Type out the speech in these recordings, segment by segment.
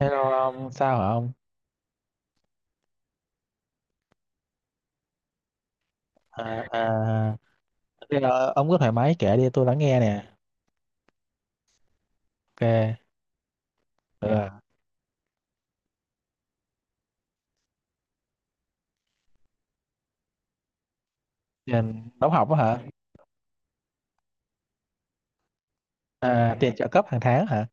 Hello ông, sao hả ông? À, à, bây giờ ông cứ thoải mái kể đi, tôi lắng nghe nè. Ok. Ừ. Tiền đóng học á hả? À, tiền trợ cấp hàng tháng hả?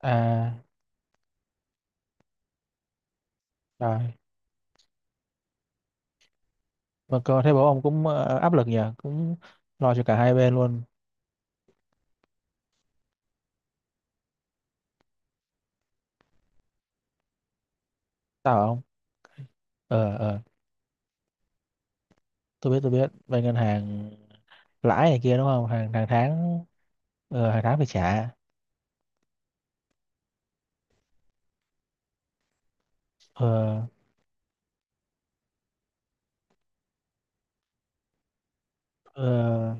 À, rồi. Mà cô thấy bố ông cũng áp lực nhỉ, cũng lo cho cả hai bên luôn. Sao hả ông? Ờ, ờ, tôi biết, tôi biết. Bên ngân hàng lãi này kia đúng không? Hàng tháng, hàng tháng phải trả. Ờ, ờ,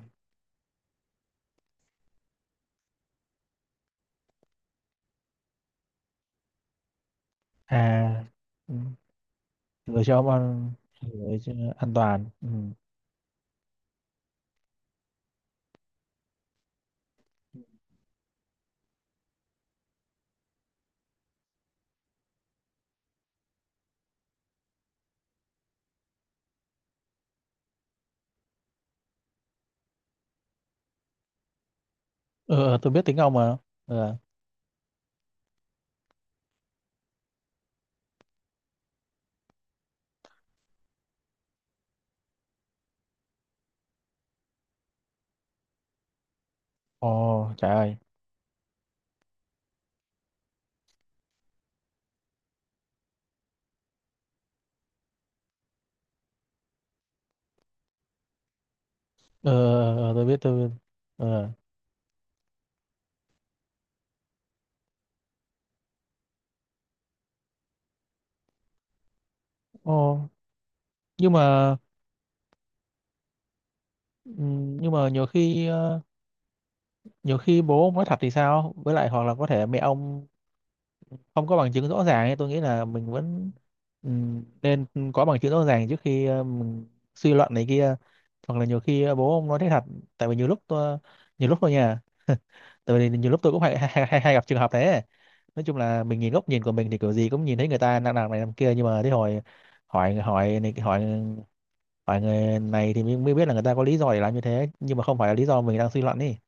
à, ừ, gửi cho ông an, gửi cho an toàn. Ừ. Ờ, ờ, tôi biết tiếng ông mà. Ờ. Ồ, trời ơi. Ờ, ờ, ờ, tôi biết tôi biết. Ờ. Ồ, nhưng mà nhưng mà nhiều khi bố ông nói thật thì sao, với lại hoặc là có thể mẹ ông không có bằng chứng rõ ràng ấy. Tôi nghĩ là mình vẫn, nên có bằng chứng rõ ràng trước khi mình suy luận này kia, hoặc là nhiều khi bố ông nói thế thật. Tại vì nhiều lúc tôi, nhiều lúc thôi nha. Tại vì nhiều lúc tôi cũng hay gặp trường hợp đấy. Nói chung là mình nhìn góc nhìn của mình thì kiểu gì cũng nhìn thấy người ta đang làm này làm kia, nhưng mà đến hồi hỏi hỏi này hỏi hỏi người này thì mới mới biết là người ta có lý do để làm như thế nhưng mà không phải là lý do mình đang suy luận đi.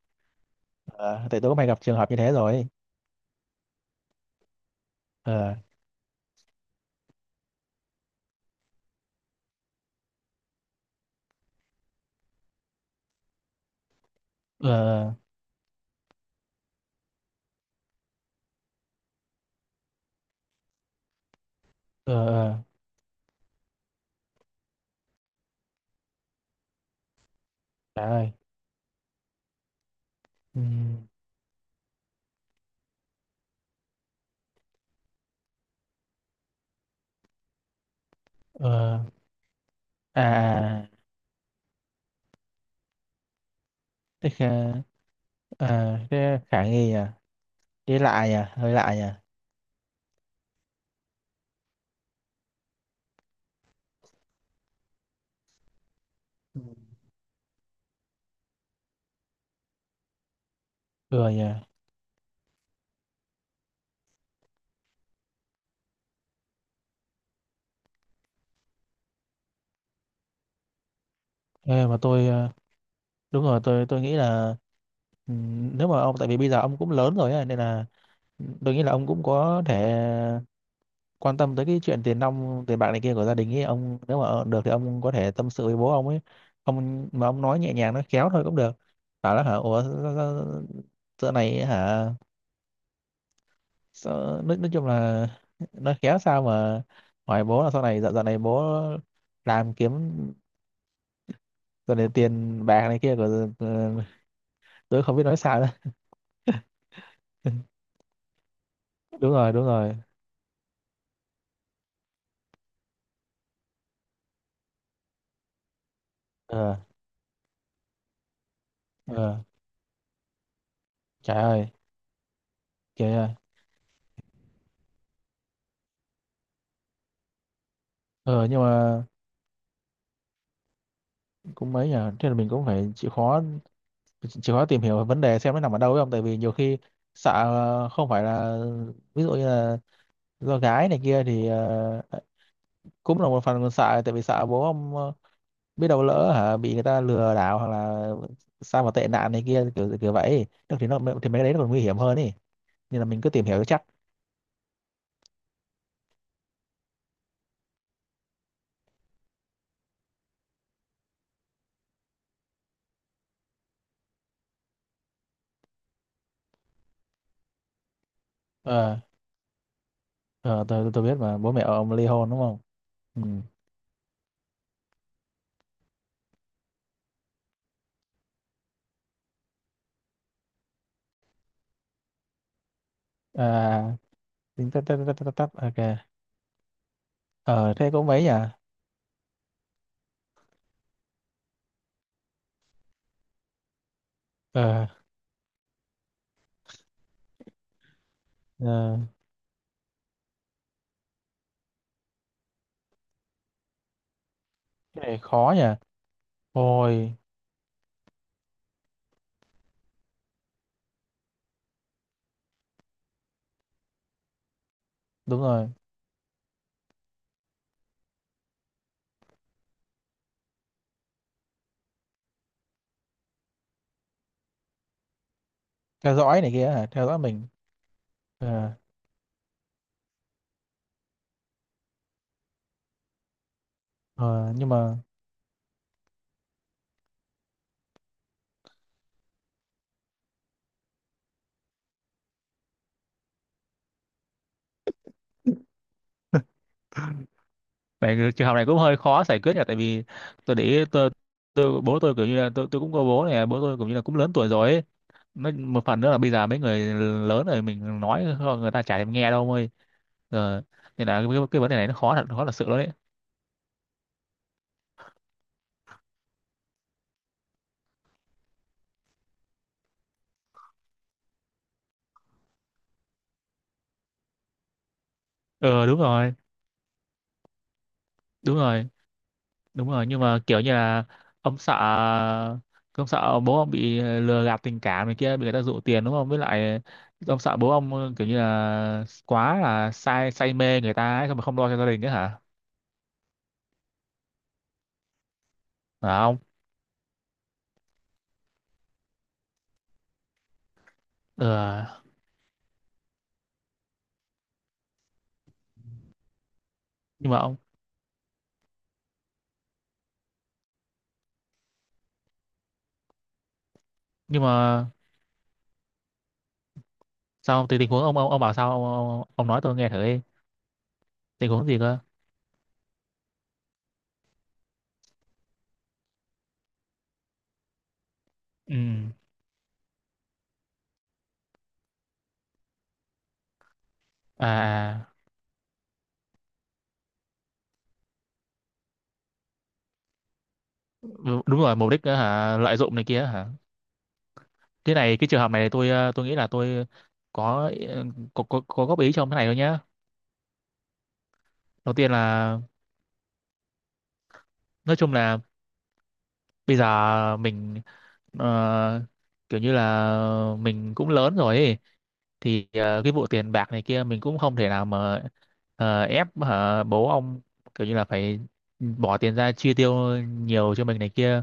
Ờ, tại tôi cũng hay gặp trường hợp như thế rồi. Ờ. Ờ. Ờ. Ờ. Trời ơi. Ừm, ờ. À, à. à. thế khả À, thế khả nghi à. Thế lạ nhỉ Hơi lạ nhỉ. Ừ. Ừ nhỉ. Ê, mà tôi, đúng rồi, tôi nghĩ là nếu mà ông, tại vì bây giờ ông cũng lớn rồi á, nên là tôi nghĩ là ông cũng có thể quan tâm tới cái chuyện tiền nong tiền bạc này kia của gia đình ấy ông, nếu mà được thì ông có thể tâm sự với bố ông ấy. Ông mà ông nói nhẹ nhàng nó khéo thôi cũng được, bảo là hả ủa, giờ này hả, sao, nói chung là nói khéo, sao mà hỏi bố là sau này dạo dạo này bố làm kiếm rồi này tiền bạc này kia của, ờ, tôi không biết nói sao nữa. Đúng rồi đúng rồi. Ờ. Ờ. Trời ơi. Trời ơi. Ờ, nhưng mà cũng mấy nhờ thế là mình cũng phải chịu khó, chịu khó tìm hiểu vấn đề xem nó nằm ở đâu ấy, không tại vì nhiều khi sợ không phải là, ví dụ như là do gái này kia thì cũng là một phần sợ, tại vì sợ bố ông biết đâu lỡ hả bị người ta lừa đảo hoặc là sao mà tệ nạn này kia kiểu kiểu vậy. Được thì nó thì mấy cái đấy nó còn nguy hiểm hơn ý. Nên là mình cứ tìm hiểu cho chắc. Ờ, ờ, tôi biết mà bố mẹ ông ly hôn đúng không? Ừ. À, tính tắt tắt tắt tắt tắt. Ok. Ờ, thế cũng mấy nhỉ. Ờ. Ờ. Cái này khó nhỉ. Ôi. Đúng rồi. Theo dõi này kia hả, theo dõi mình? Ờ, ờ, nhưng mà này, cái trường hợp này cũng hơi khó giải quyết nhỉ, tại vì tôi để ý tôi bố tôi kiểu như là tôi cũng có bố này, bố tôi kiểu như là cũng lớn tuổi rồi ấy. Một phần nữa là bây giờ mấy người lớn rồi mình nói người ta chả thèm nghe đâu ông ơi. Ờ, nên là cái vấn đề này nó khó thật, khó thật sự luôn đấy. Ờ. Đúng rồi đúng rồi. Đúng rồi nhưng mà kiểu như là ông sợ ông sợ bố ông bị lừa gạt tình cảm này kia, bị người ta dụ tiền đúng không, với lại ông sợ bố ông kiểu như là quá là say say mê người ta ấy, xong mà không lo cho gia đình ấy hả, phải không? Ừ. Nhưng mà ông, nhưng mà sao thì tình huống ông bảo sao, ông nói tôi nghe thử đi. Tình huống gì cơ? Ừ. À, à. Đú- đúng rồi, mục đích á hả, lợi dụng này kia hả. Cái trường hợp này tôi, tôi nghĩ là tôi có, có góp ý cho ông cái này thôi nhá. Đầu tiên là nói chung là bây giờ mình, ờ, kiểu như là mình cũng lớn rồi ấy. Thì cái vụ tiền bạc này kia mình cũng không thể nào mà ép hả, bố ông kiểu như là phải bỏ tiền ra chi tiêu nhiều cho mình này kia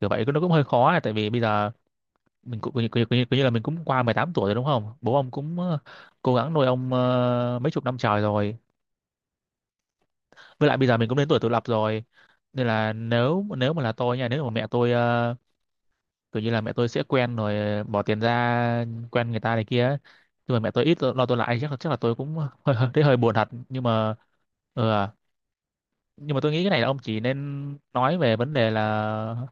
kiểu vậy nó cũng hơi khó ấy, tại vì bây giờ mình cũng kiểu như là mình cũng qua 18 tuổi rồi đúng không, bố ông cũng cố gắng nuôi ông mấy chục năm trời rồi. Với lại bây giờ mình cũng đến tuổi tự lập rồi. Nên là nếu, nếu mà là tôi nha, nếu mà mẹ tôi kiểu như là mẹ tôi sẽ quen rồi bỏ tiền ra quen người ta này kia ấy. Nhưng mà mẹ tôi ít lo lo tôi lại, chắc là tôi cũng hơi hơi- thấy hơi buồn thật nhưng mà ừ, à, nhưng mà tôi nghĩ cái này là ông chỉ nên nói về vấn đề là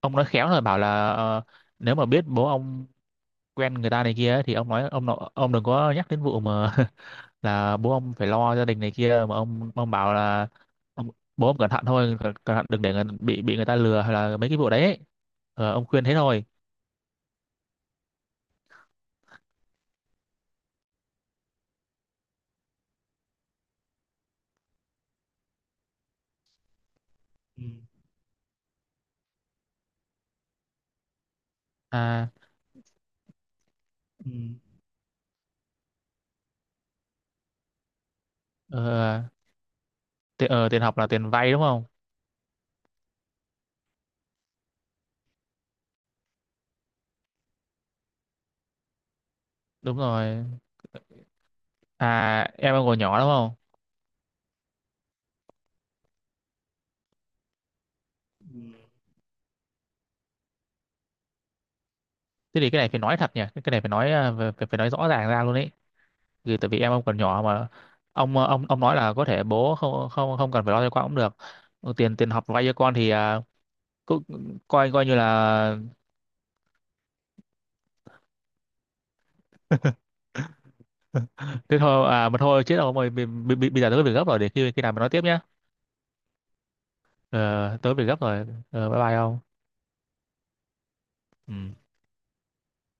ông nói khéo rồi bảo là nếu mà biết bố ông quen người ta này kia ấy, thì ông nói ông đừng có nhắc đến vụ mà là bố ông phải lo gia đình này kia, mà ông, bảo là ông, bố ông cẩn thận thôi, cẩn thận đừng để người, bị người ta lừa hay là mấy cái vụ đấy ấy. Ờ, ông khuyên thế thôi. Ừ. À. Ừ. Ờ, tiền học là tiền vay đúng không? Đúng rồi. À, em đang còn nhỏ đúng không? Ừ. Thế thì cái này phải nói thật nhỉ, cái này phải nói, phải, phải phải nói rõ ràng ra luôn ấy. Vì tại vì em ông còn nhỏ mà, ông, ông nói là có thể bố không không không cần phải lo cho con cũng được. Ừ, tiền tiền học vay cho con thì à, cũng coi coi như là thế thôi à. Mà thôi chết rồi, bây giờ tớ có việc gấp rồi, để khi khi nào mình nói tiếp nhá. Ờ, tớ có việc gấp rồi. Ờ, bye bye ông. Ừ.